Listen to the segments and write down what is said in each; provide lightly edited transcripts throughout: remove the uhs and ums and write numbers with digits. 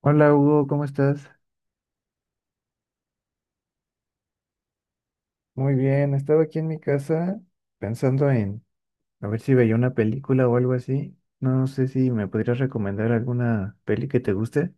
Hola Hugo, ¿cómo estás? Muy bien, estaba aquí en mi casa pensando en a ver si veía una película o algo así. No sé si me podrías recomendar alguna peli que te guste.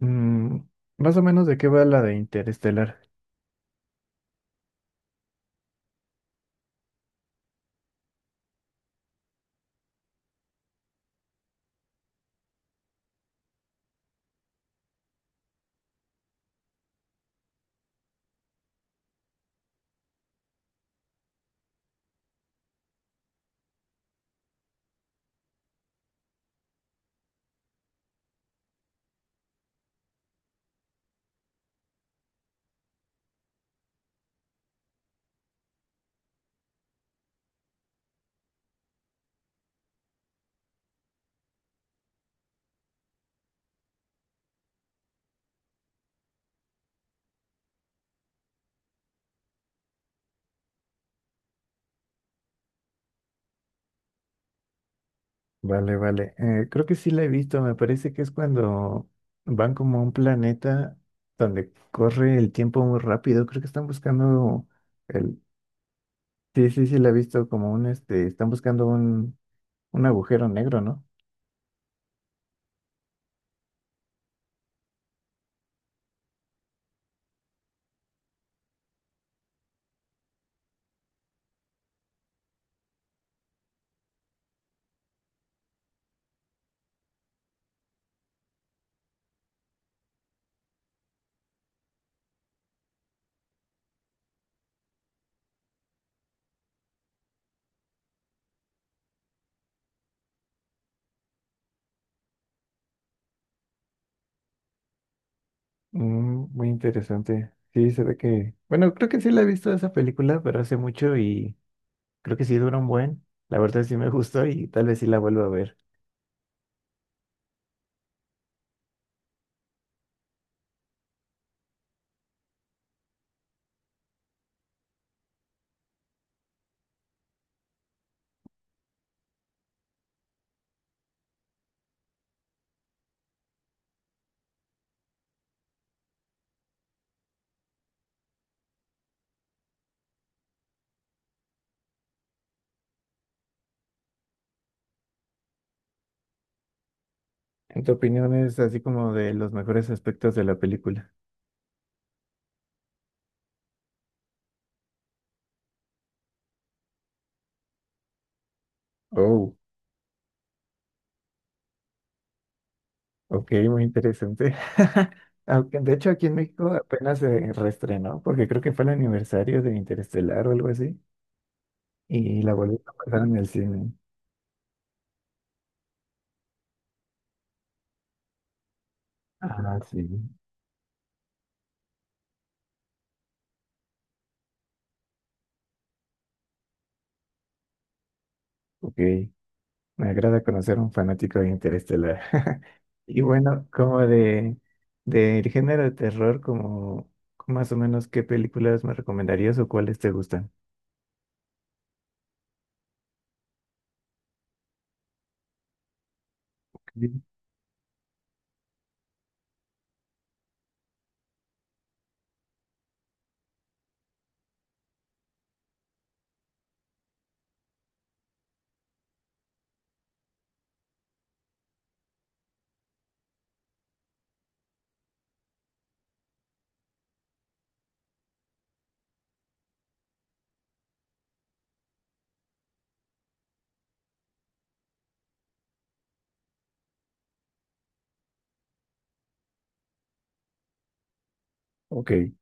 Mm, más o menos de qué va la de Interestelar. Vale, vale. Creo que sí la he visto, me parece que es cuando van como a un planeta donde corre el tiempo muy rápido. Creo que están buscando el... Sí, sí, sí la he visto como un este, están buscando un agujero negro, ¿no? Mm, muy interesante. Sí, se ve que... Bueno, creo que sí la he visto esa película, pero hace mucho y creo que sí dura un buen. La verdad sí me gustó y tal vez sí la vuelvo a ver. ¿En tu opinión es así como de los mejores aspectos de la película? Oh, ok, muy interesante. Aunque de hecho aquí en México apenas se reestrenó, porque creo que fue el aniversario de Interestelar o algo así, y la volvieron a pasar en el cine. Ah, sí, ok. Me agrada conocer a un fanático de Interestelar. Y bueno, como de del género de terror, como más o menos qué películas me recomendarías o cuáles te gustan. Bien. Ok. Esa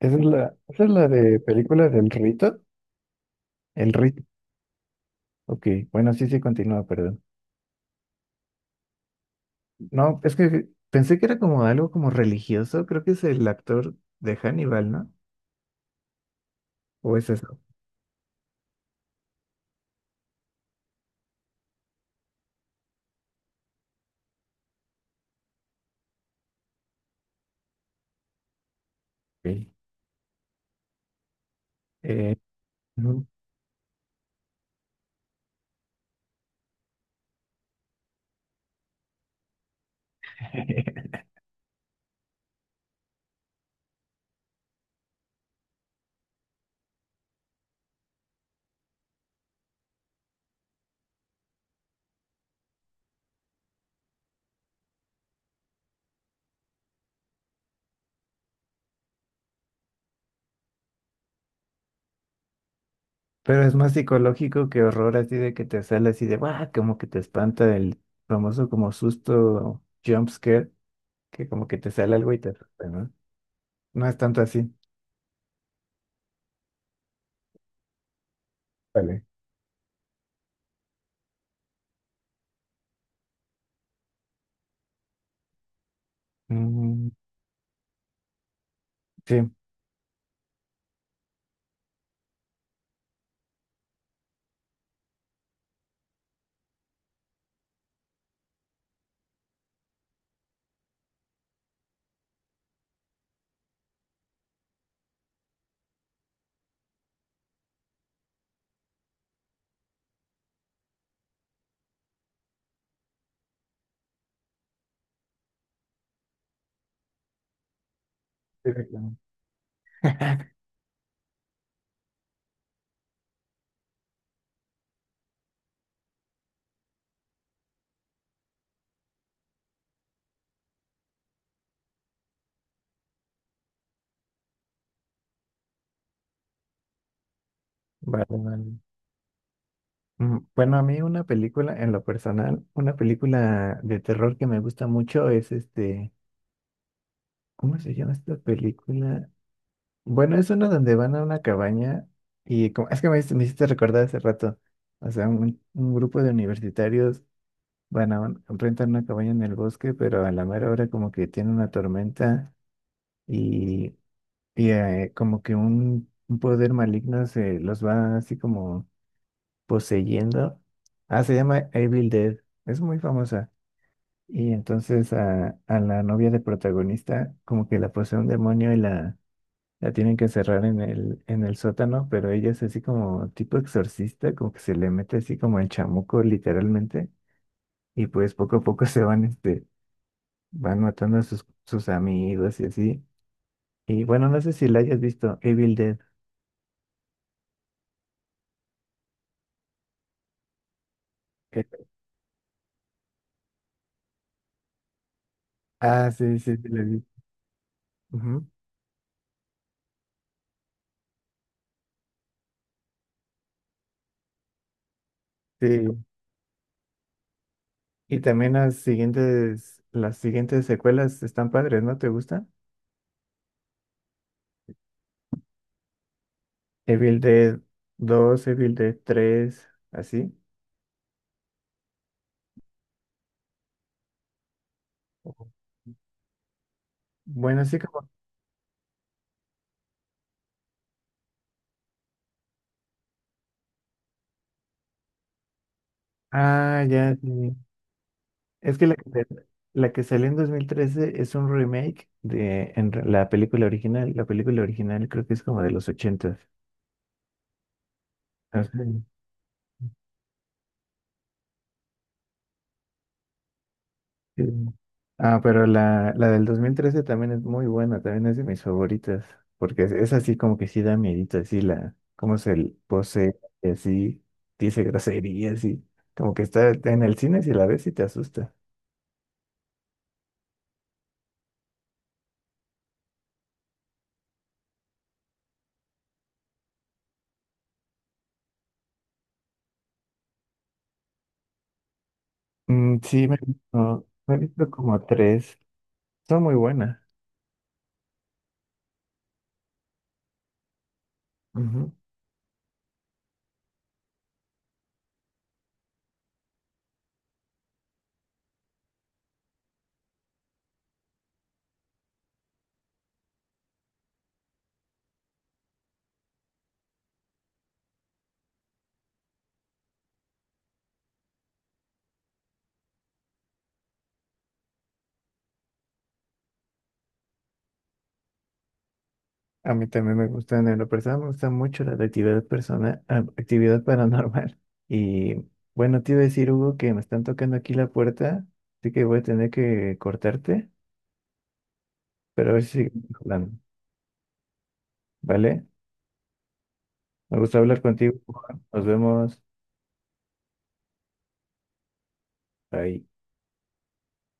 Es la, esa es la de película del Rito. El ritmo. Ok, bueno, sí, sí, continúa, perdón. No, es que pensé que era como algo como religioso, creo que es el actor de Hannibal, ¿no? ¿O es eso? Ok. Eh, ujú. Pero es más psicológico que horror, así de que te sale así de, ¡guau! Como que te espanta el famoso como susto jump scare, que como que te sale algo y te asusta, ¿no? No es tanto así. Vale. Mm, sí, sí, sí, claro. Vale, vale. Mm, bueno, a mí una película, en lo personal, una película de terror que me gusta mucho es este, ¿cómo se llama esta película? Bueno, es uno donde van a una cabaña y como, es que me, hice- me hiciste recordar hace rato, o sea, un grupo de universitarios van a un- rentan una cabaña en el bosque, pero a la mera hora como que tiene una tormenta y, como que un poder maligno se los va así como poseyendo. Ah, se llama Evil Dead, es muy famosa. Y entonces a la novia del protagonista como que la posee un demonio y la tienen que encerrar en en el sótano, pero ella es así como tipo exorcista, como que se le mete así como el chamuco literalmente, y pues poco a poco se van, este, van matando a sus amigos y así. Y bueno, no sé si la hayas visto, Evil Dead. Eh, Ah, sí, sí, sí, la vi. Ujú. Sí. Y también las siguientes secuelas están padres, ¿no? ¿Te gustan? Evil Dead dos Evil Dead tres así. Ujú. Bueno, así como... Ah, ya, sí. Es que la que, sa- la que salió en 2013 es un remake de en re- la película original. La película original creo que es como de los 80. Ah, sí. Sí. Ah, pero la del 2013 también es muy buena, también es de mis favoritas, porque es así como que sí da miedito, así la, cómo se l- posee, y así, dice groserías, y como que está en el cine si la ves y te asusta. Mm, sí, me he visto como tres, son muy buenas. A mí también me gustan, en lo personal me gusta mucho la de actividad persona, ah, actividad paranormal. Y bueno, te iba a decir, Hugo, que me están tocando aquí la puerta, así que voy a tener que cortarte, pero a ver si seguimos hablando, ¿vale? Me gusta hablar contigo, Juan. Nos vemos. Bye.